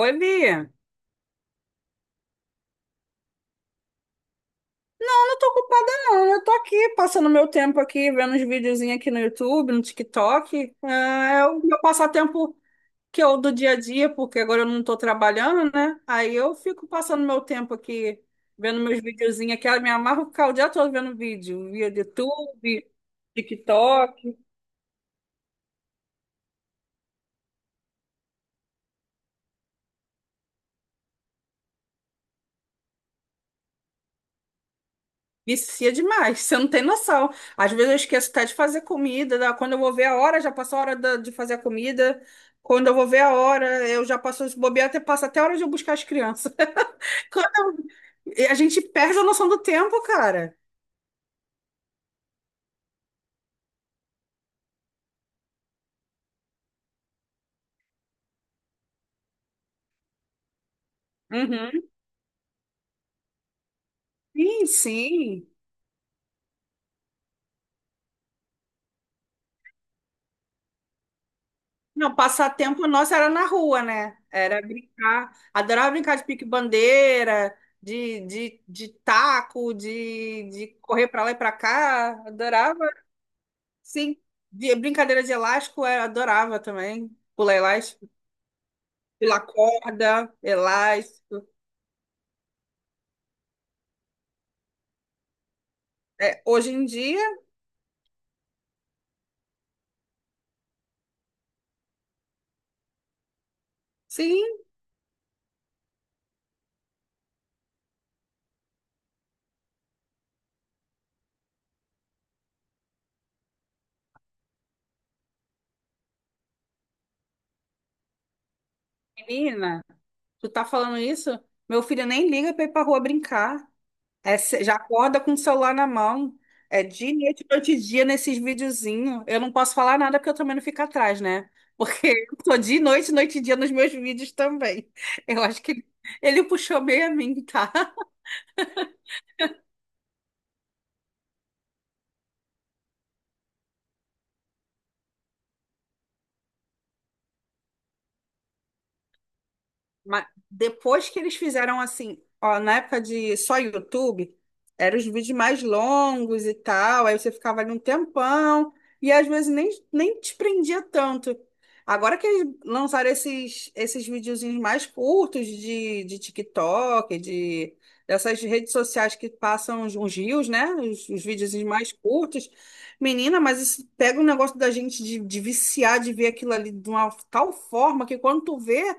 Oi, Bia. Eu não tô ocupada, não. Eu tô aqui passando meu tempo aqui, vendo uns videozinhos aqui no YouTube, no TikTok. É o meu passatempo que eu do dia a dia, porque agora eu não tô trabalhando, né? Aí eu fico passando meu tempo aqui, vendo meus videozinhos aqui. Eu me amarro ficar o dia todo vendo vídeo, via do YouTube, TikTok. Vicia demais, você não tem noção. Às vezes eu esqueço até de fazer comida, quando eu vou ver a hora, já passou a hora de fazer a comida. Quando eu vou ver a hora, eu já passo os bobear, até passa até a hora de eu buscar as crianças. Quando a gente perde a noção do tempo, cara. Uhum. Sim, sim. Não, passatempo nosso era na rua, né? Era brincar. Adorava brincar de pique-bandeira, de taco, de correr pra lá e pra cá. Adorava. Sim, brincadeira de elástico eu adorava também. Pular elástico, pula corda, elástico. É, hoje em dia, sim, menina, tu tá falando isso? Meu filho nem liga pra ir pra rua brincar. É, já acorda com o celular na mão. É dia e noite, noite e dia nesses videozinhos. Eu não posso falar nada porque eu também não fico atrás, né? Porque eu tô dia e noite, noite e dia nos meus vídeos também. Eu acho que ele puxou meio a mim, tá? Mas depois que eles fizeram assim, ó, na época de só YouTube, eram os vídeos mais longos e tal, aí você ficava ali um tempão, e às vezes nem te prendia tanto. Agora que eles lançaram esses videozinhos mais curtos de TikTok, de, dessas redes sociais que passam uns, uns reels, né? Os videozinhos mais curtos. Menina, mas isso pega um negócio da gente de viciar, de ver aquilo ali de uma tal forma que quando tu vê.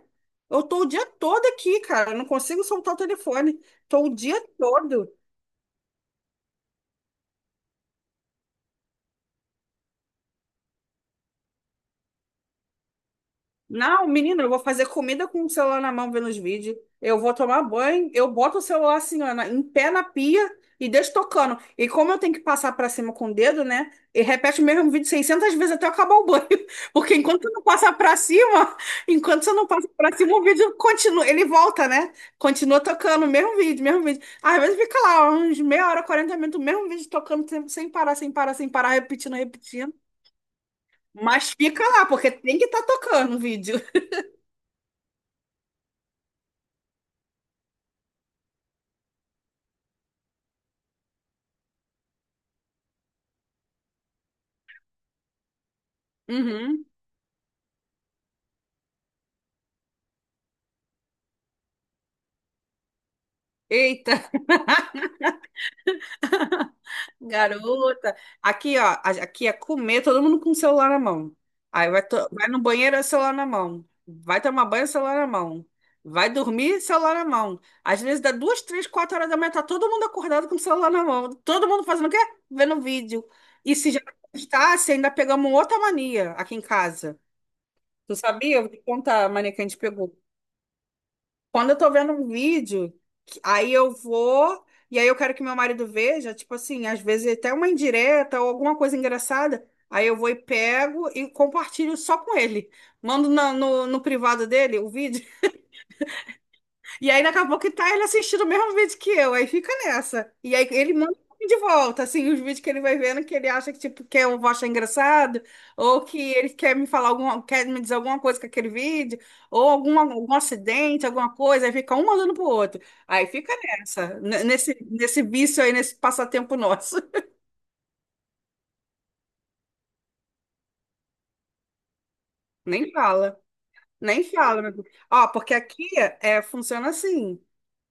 Eu tô o dia todo aqui, cara. Eu não consigo soltar o telefone. Tô o dia todo. Não, menina, eu vou fazer comida com o celular na mão vendo os vídeos. Eu vou tomar banho, eu boto o celular assim, ó, em pé na pia e deixo tocando. E como eu tenho que passar pra cima com o dedo, né? E repete o mesmo vídeo 600 vezes até eu acabar o banho. Porque enquanto você não passa pra cima, enquanto você não passa pra cima, o vídeo continua, ele volta, né? Continua tocando o mesmo vídeo, mesmo vídeo. Às vezes fica lá uns meia hora, 40 minutos, o mesmo vídeo tocando sem parar, sem parar, sem parar, repetindo, repetindo. Mas fica lá, porque tem que estar tocando o vídeo. Uhum. Eita, garota. Aqui, ó, aqui é comer, todo mundo com o celular na mão. Aí vai, vai no banheiro, é celular na mão. Vai tomar banho, celular na mão. Vai dormir, celular na mão. Às vezes dá duas, três, quatro horas da manhã, tá todo mundo acordado com o celular na mão. Todo mundo fazendo o quê? Vendo vídeo. E se já está, ainda pegamos outra mania aqui em casa. Tu sabia? Eu vou te contar a mania que a gente pegou. Quando eu tô vendo um vídeo, aí eu vou, e aí eu quero que meu marido veja, tipo assim, às vezes até uma indireta ou alguma coisa engraçada, aí eu vou e pego e compartilho só com ele. Mando no, no privado dele o vídeo. E aí daqui a pouco tá ele assistindo o mesmo vídeo que eu, aí fica nessa. E aí ele manda de volta, assim, os vídeos que ele vai vendo que ele acha que, tipo, que eu vou achar engraçado, ou que ele quer me falar alguma, quer me dizer alguma coisa com aquele vídeo, ou algum, algum acidente, alguma coisa, aí fica um mandando pro outro. Aí fica nessa, nesse, nesse vício aí, nesse passatempo nosso. Nem fala, nem fala, meu Deus. Ó, porque aqui é, funciona assim.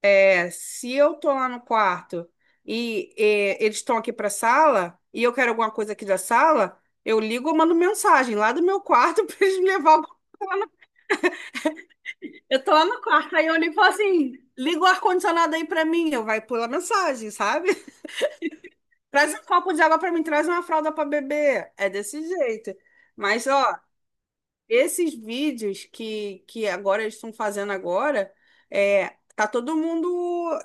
É, se eu tô lá no quarto e, é, eles estão aqui pra sala e eu quero alguma coisa aqui da sala, eu ligo ou mando mensagem lá do meu quarto pra eles me levar. Alguma- Eu tô lá no quarto, aí eu ligo e falo assim, liga o ar-condicionado aí pra mim, eu vai pular mensagem, sabe? Traz um copo de água pra mim, traz uma fralda pra beber. É desse jeito. Mas, ó, esses vídeos que agora eles estão fazendo agora, é, tá todo mundo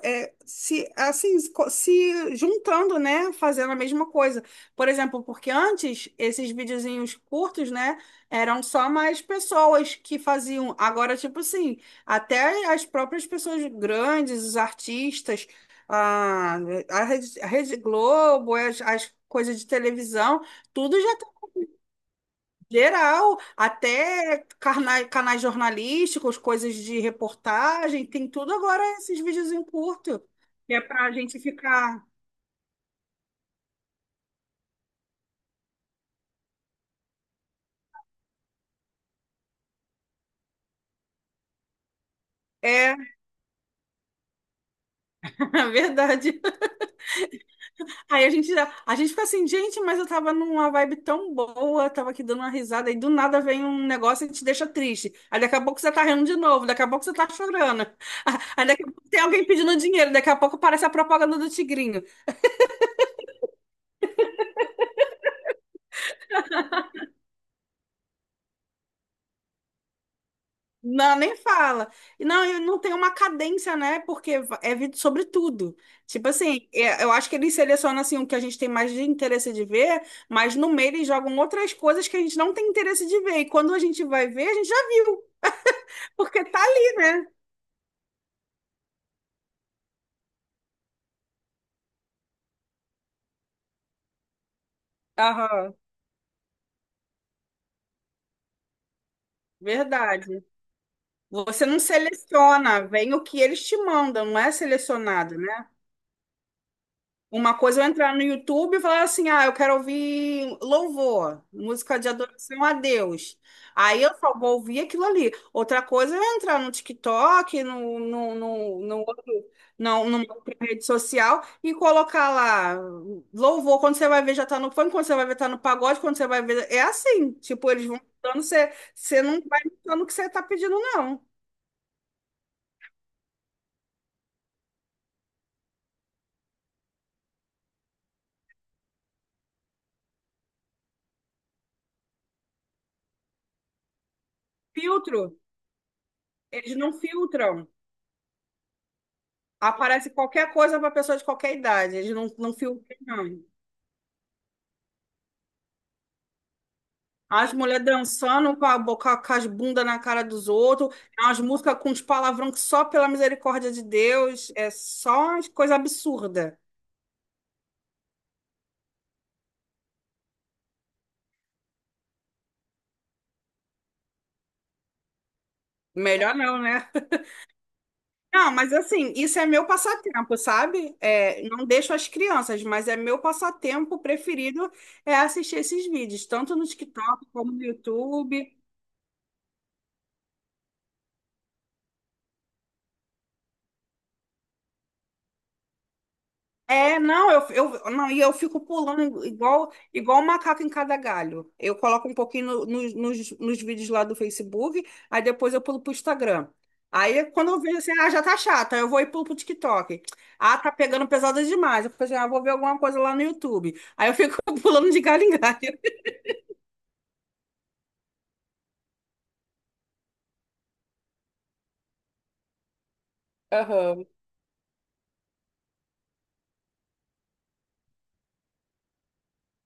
é, se assim se juntando, né? Fazendo a mesma coisa. Por exemplo, porque antes esses videozinhos curtos, né? Eram só mais pessoas que faziam. Agora, tipo assim, até as próprias pessoas grandes, os artistas, a, a Rede Globo, as coisas de televisão, tudo já geral, até canais jornalísticos, coisas de reportagem, tem tudo agora esses vídeos em curto, que é pra gente ficar. É, verdade. Aí a gente, a gente fica assim, gente, mas eu tava numa vibe tão boa, tava aqui dando uma risada, e do nada vem um negócio e te deixa triste. Aí daqui a pouco você tá rindo de novo, daqui a pouco você tá chorando. Aí daqui a pouco tem alguém pedindo dinheiro, daqui a pouco aparece a propaganda do Tigrinho. Não, nem fala. E não, e não tem uma cadência, né? Porque é vídeo sobre tudo. Tipo assim, eu acho que eles selecionam assim, o que a gente tem mais de interesse de ver, mas no meio eles jogam outras coisas que a gente não tem interesse de ver. E quando a gente vai ver, a gente já viu, porque tá ali, né? Aham, verdade. Você não seleciona, vem o que eles te mandam, não é selecionado, né? Uma coisa é eu entrar no YouTube e falar assim: ah, eu quero ouvir louvor, música de adoração a Deus. Aí eu só vou ouvir aquilo ali. Outra coisa é eu entrar no TikTok, no outro, não, numa outra rede social e colocar lá louvor. Quando você vai ver, já tá no funk, quando você vai ver, tá no pagode, quando você vai ver. É assim, tipo, eles vão dando, você não vai notando o que você tá pedindo, não. Filtro, eles não filtram. Aparece qualquer coisa para pessoa de qualquer idade. Eles não filtram, não. As mulheres dançando com a boca, com as bundas na cara dos outros, as músicas com uns palavrão que só pela misericórdia de Deus é só uma coisa absurda. Melhor não, né? Não, mas assim, isso é meu passatempo, sabe? É, não deixo as crianças, mas é meu passatempo preferido é assistir esses vídeos, tanto no TikTok como no YouTube. É, não, eu, não, e eu fico pulando igual, igual um macaco em cada galho. Eu coloco um pouquinho nos vídeos lá do Facebook, aí depois eu pulo pro Instagram. Aí quando eu vejo assim, ah, já tá chata, eu vou e pulo pro TikTok. Ah, tá pegando pesada demais. Eu fico assim, ah, vou ver alguma coisa lá no YouTube. Aí eu fico pulando de galho em galho. Aham.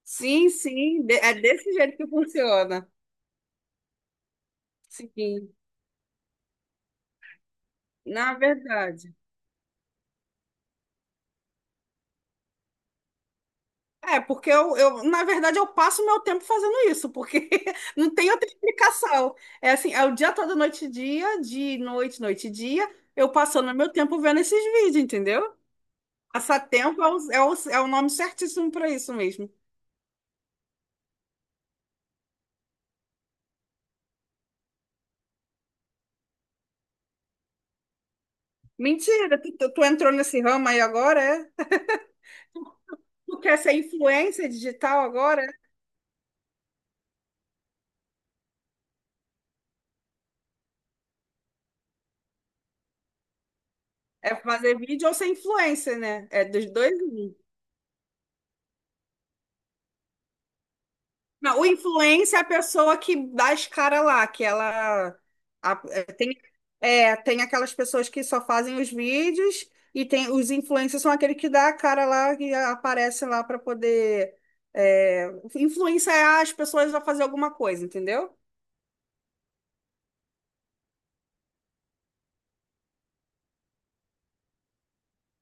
Sim, é desse jeito que funciona. Sim, na verdade. É, porque eu, na verdade, eu passo meu tempo fazendo isso, porque não tem outra explicação. É assim, é o dia todo, noite e dia, de noite, noite e dia, eu passando meu tempo vendo esses vídeos, entendeu? Passatempo é é o nome certíssimo para isso mesmo. Mentira, tu entrou nesse ramo aí agora, é? Tu quer ser influencer digital agora? É fazer vídeo ou ser influencer, né? É dos dois. Não, o influencer é a pessoa que dá as caras lá, que ela a- é, tem, é, tem aquelas pessoas que só fazem os vídeos e tem os influencers são aquele que dá a cara lá e aparece lá para poder é, influenciar as pessoas a fazer alguma coisa, entendeu?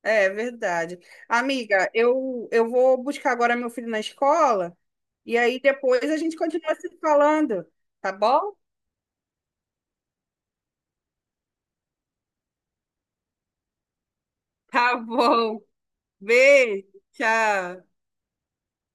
É verdade. Amiga, eu vou buscar agora meu filho na escola e aí depois a gente continua se falando, tá bom? Tá bom. Beijo, tchau.